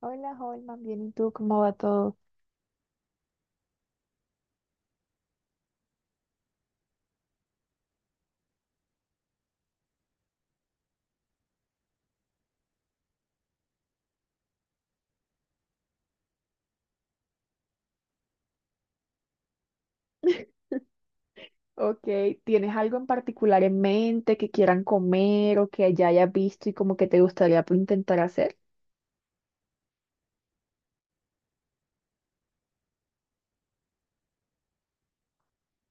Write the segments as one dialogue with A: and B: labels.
A: Hola, Holman, bien, ¿y tú cómo va todo? Ok, ¿tienes algo en particular en mente que quieran comer o que ya hayas visto y como que te gustaría pues, intentar hacer?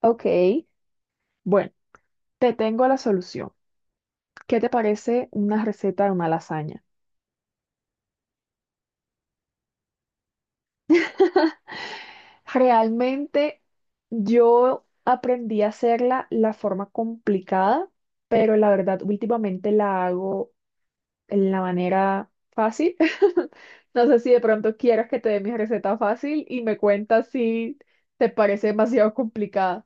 A: Ok, bueno, te tengo la solución. ¿Qué te parece una receta de una lasaña? Realmente yo aprendí a hacerla la forma complicada, pero la verdad últimamente la hago en la manera fácil. No sé si de pronto quieras que te dé mi receta fácil y me cuentas si te parece demasiado complicada.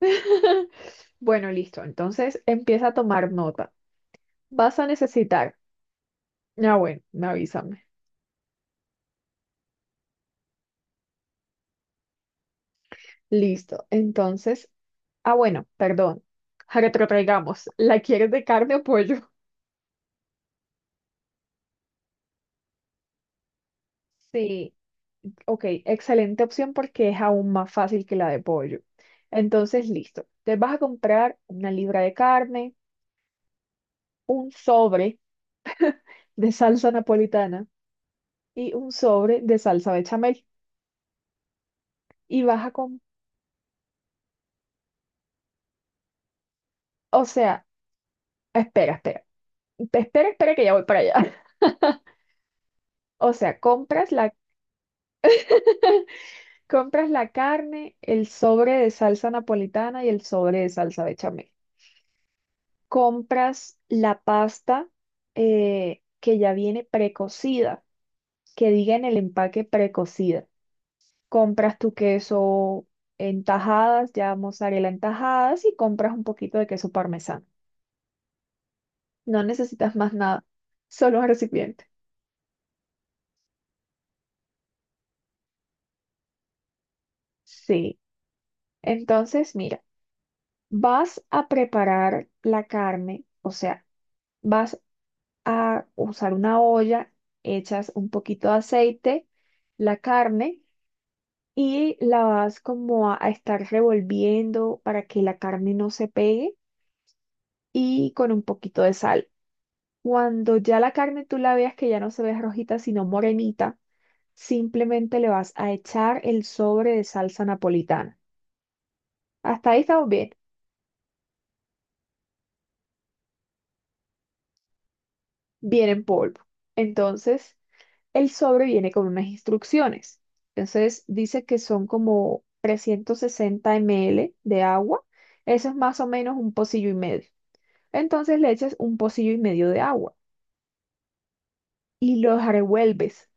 A: Bueno, listo. Entonces empieza a tomar nota. Vas a necesitar. Ah, bueno, me avísame. Listo. Entonces, bueno, perdón. Retrotraigamos. ¿La quieres de carne o pollo? Sí, ok, excelente opción porque es aún más fácil que la de pollo. Entonces, listo. Te vas a comprar una libra de carne, un sobre de salsa napolitana y un sobre de salsa bechamel. Y vas a comprar, o sea, espera, espera, espera que ya voy para allá. O sea, compras la, compras la carne, el sobre de salsa napolitana y el sobre de salsa bechamel. Compras la pasta que ya viene precocida, que diga en el empaque precocida. Compras tu queso en tajadas, ya mozzarella en tajadas y compras un poquito de queso parmesano. No necesitas más nada, solo un recipiente. Sí, entonces mira, vas a preparar la carne, o sea, vas a usar una olla, echas un poquito de aceite, la carne y la vas como a estar revolviendo para que la carne no se pegue y con un poquito de sal. Cuando ya la carne tú la veas que ya no se ve rojita, sino morenita, simplemente le vas a echar el sobre de salsa napolitana. Hasta ahí estamos bien, bien en polvo. Entonces, el sobre viene con unas instrucciones. Entonces, dice que son como 360 ml de agua. Eso es más o menos un pocillo y medio. Entonces, le echas un pocillo y medio de agua y los revuelves.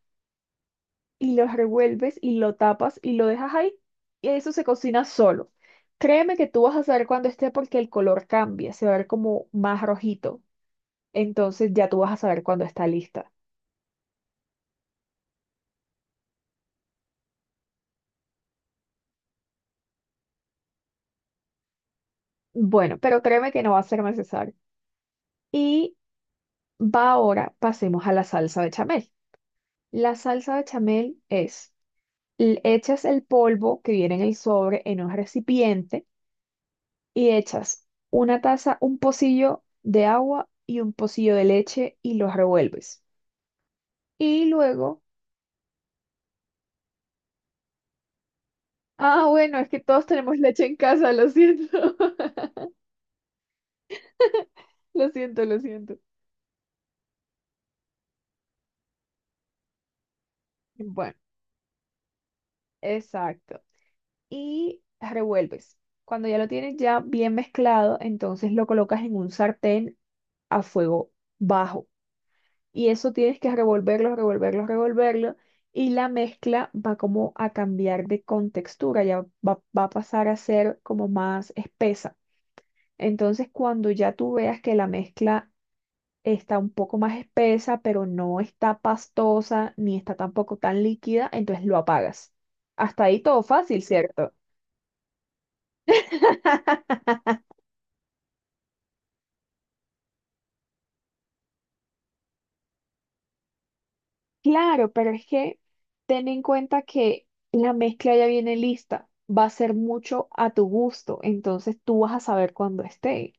A: Y los revuelves y lo tapas y lo dejas ahí y eso se cocina solo. Créeme que tú vas a saber cuando esté porque el color cambia, se va a ver como más rojito. Entonces ya tú vas a saber cuando está lista. Bueno, pero créeme que no va a ser necesario. Y va ahora, pasemos a la salsa bechamel. La salsa bechamel es, echas el polvo que viene en el sobre en un recipiente y echas una taza, un pocillo de agua y un pocillo de leche y los revuelves. Y luego, ah, bueno, es que todos tenemos leche en casa, lo siento. Lo siento, lo siento. Bueno, exacto. Y revuelves. Cuando ya lo tienes ya bien mezclado, entonces lo colocas en un sartén a fuego bajo. Y eso tienes que revolverlo, revolverlo, revolverlo. Y la mezcla va como a cambiar de contextura, ya va a pasar a ser como más espesa. Entonces, cuando ya tú veas que la mezcla está un poco más espesa, pero no está pastosa ni está tampoco tan líquida, entonces lo apagas. Hasta ahí todo fácil, ¿cierto? Claro, pero es que ten en cuenta que la mezcla ya viene lista, va a ser mucho a tu gusto, entonces tú vas a saber cuándo esté.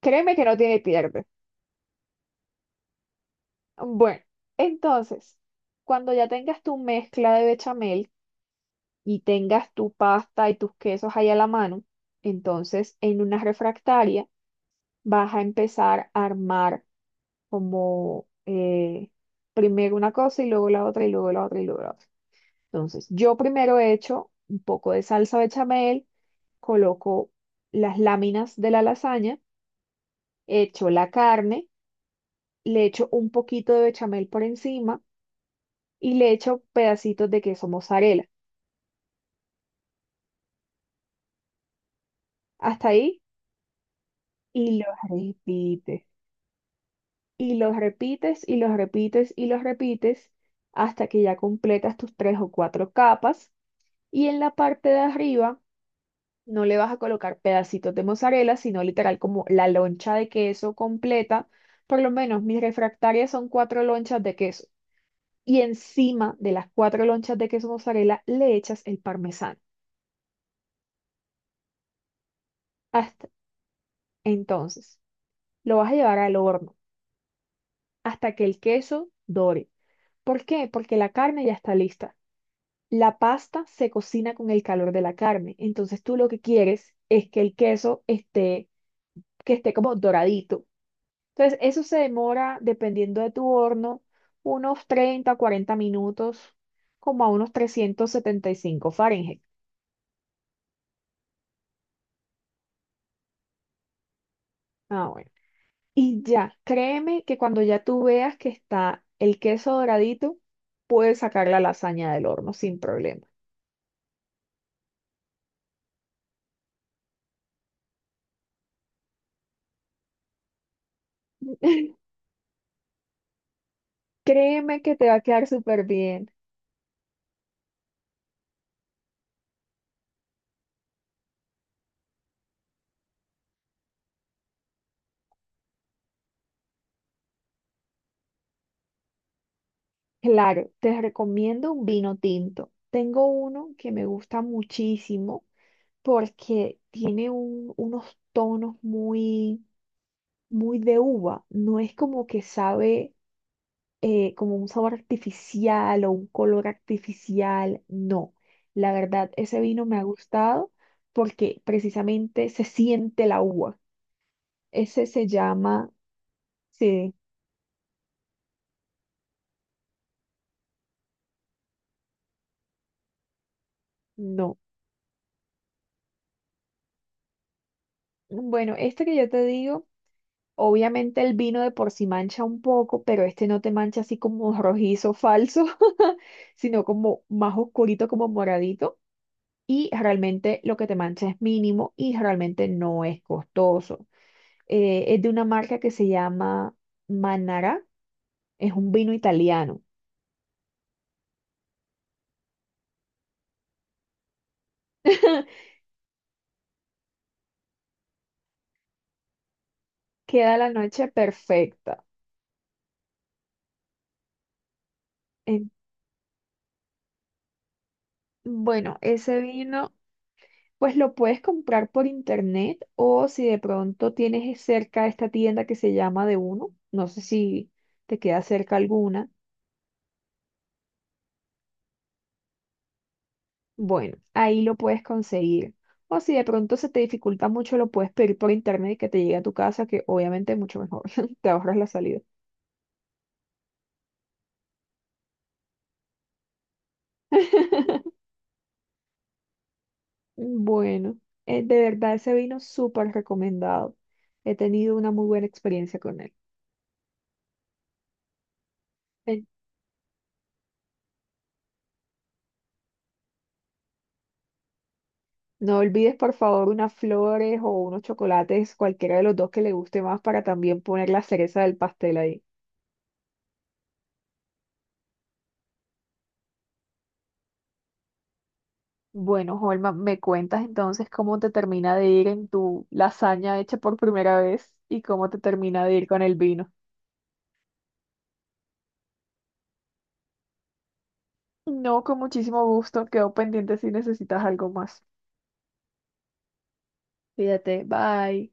A: Créeme que no tiene pierde. Bueno, entonces, cuando ya tengas tu mezcla de bechamel y tengas tu pasta y tus quesos ahí a la mano, entonces en una refractaria vas a empezar a armar como primero una cosa y luego la otra y luego la otra y luego la otra. Entonces, yo primero he hecho un poco de salsa bechamel, coloco las láminas de la lasaña, echo la carne, le echo un poquito de bechamel por encima y le echo pedacitos de queso mozzarella. Hasta ahí y los repites. Y los repites y los repites y los repites hasta que ya completas tus tres o cuatro capas. Y en la parte de arriba no le vas a colocar pedacitos de mozzarella, sino literal como la loncha de queso completa. Por lo menos mis refractarias son cuatro lonchas de queso. Y encima de las cuatro lonchas de queso mozzarella le echas el parmesano. Hasta entonces, lo vas a llevar al horno hasta que el queso dore. ¿Por qué? Porque la carne ya está lista. La pasta se cocina con el calor de la carne. Entonces tú lo que quieres es que el queso esté, que esté como doradito. Entonces, eso se demora, dependiendo de tu horno, unos 30, 40 minutos, como a unos 375 Fahrenheit. Ah, bueno. Y ya, créeme que cuando ya tú veas que está el queso doradito, puedes sacar la lasaña del horno sin problema. Créeme que te va a quedar súper bien. Claro, te recomiendo un vino tinto. Tengo uno que me gusta muchísimo porque tiene unos tonos muy, muy de uva. No es como que sabe como un sabor artificial o un color artificial. No, la verdad, ese vino me ha gustado porque precisamente se siente la uva. Ese se llama, sí, no. Bueno, este que yo te digo. Obviamente el vino de por sí mancha un poco, pero este no te mancha así como rojizo falso, sino como más oscurito, como moradito. Y realmente lo que te mancha es mínimo y realmente no es costoso. Es de una marca que se llama Manara, es un vino italiano. Queda la noche perfecta. En- bueno, ese vino pues lo puedes comprar por internet o si de pronto tienes cerca esta tienda que se llama De Uno, no sé si te queda cerca alguna, bueno, ahí lo puedes conseguir. O si de pronto se te dificulta mucho, lo puedes pedir por internet y que te llegue a tu casa, que obviamente es mucho mejor, te ahorras la salida. Bueno, de verdad ese vino súper recomendado. He tenido una muy buena experiencia con él. No olvides, por favor, unas flores o unos chocolates, cualquiera de los dos que le guste más, para también poner la cereza del pastel ahí. Bueno, Holma, ¿me cuentas entonces cómo te termina de ir en tu lasaña hecha por primera vez y cómo te termina de ir con el vino? No, con muchísimo gusto. Quedo pendiente si necesitas algo más. Fíjate, bye.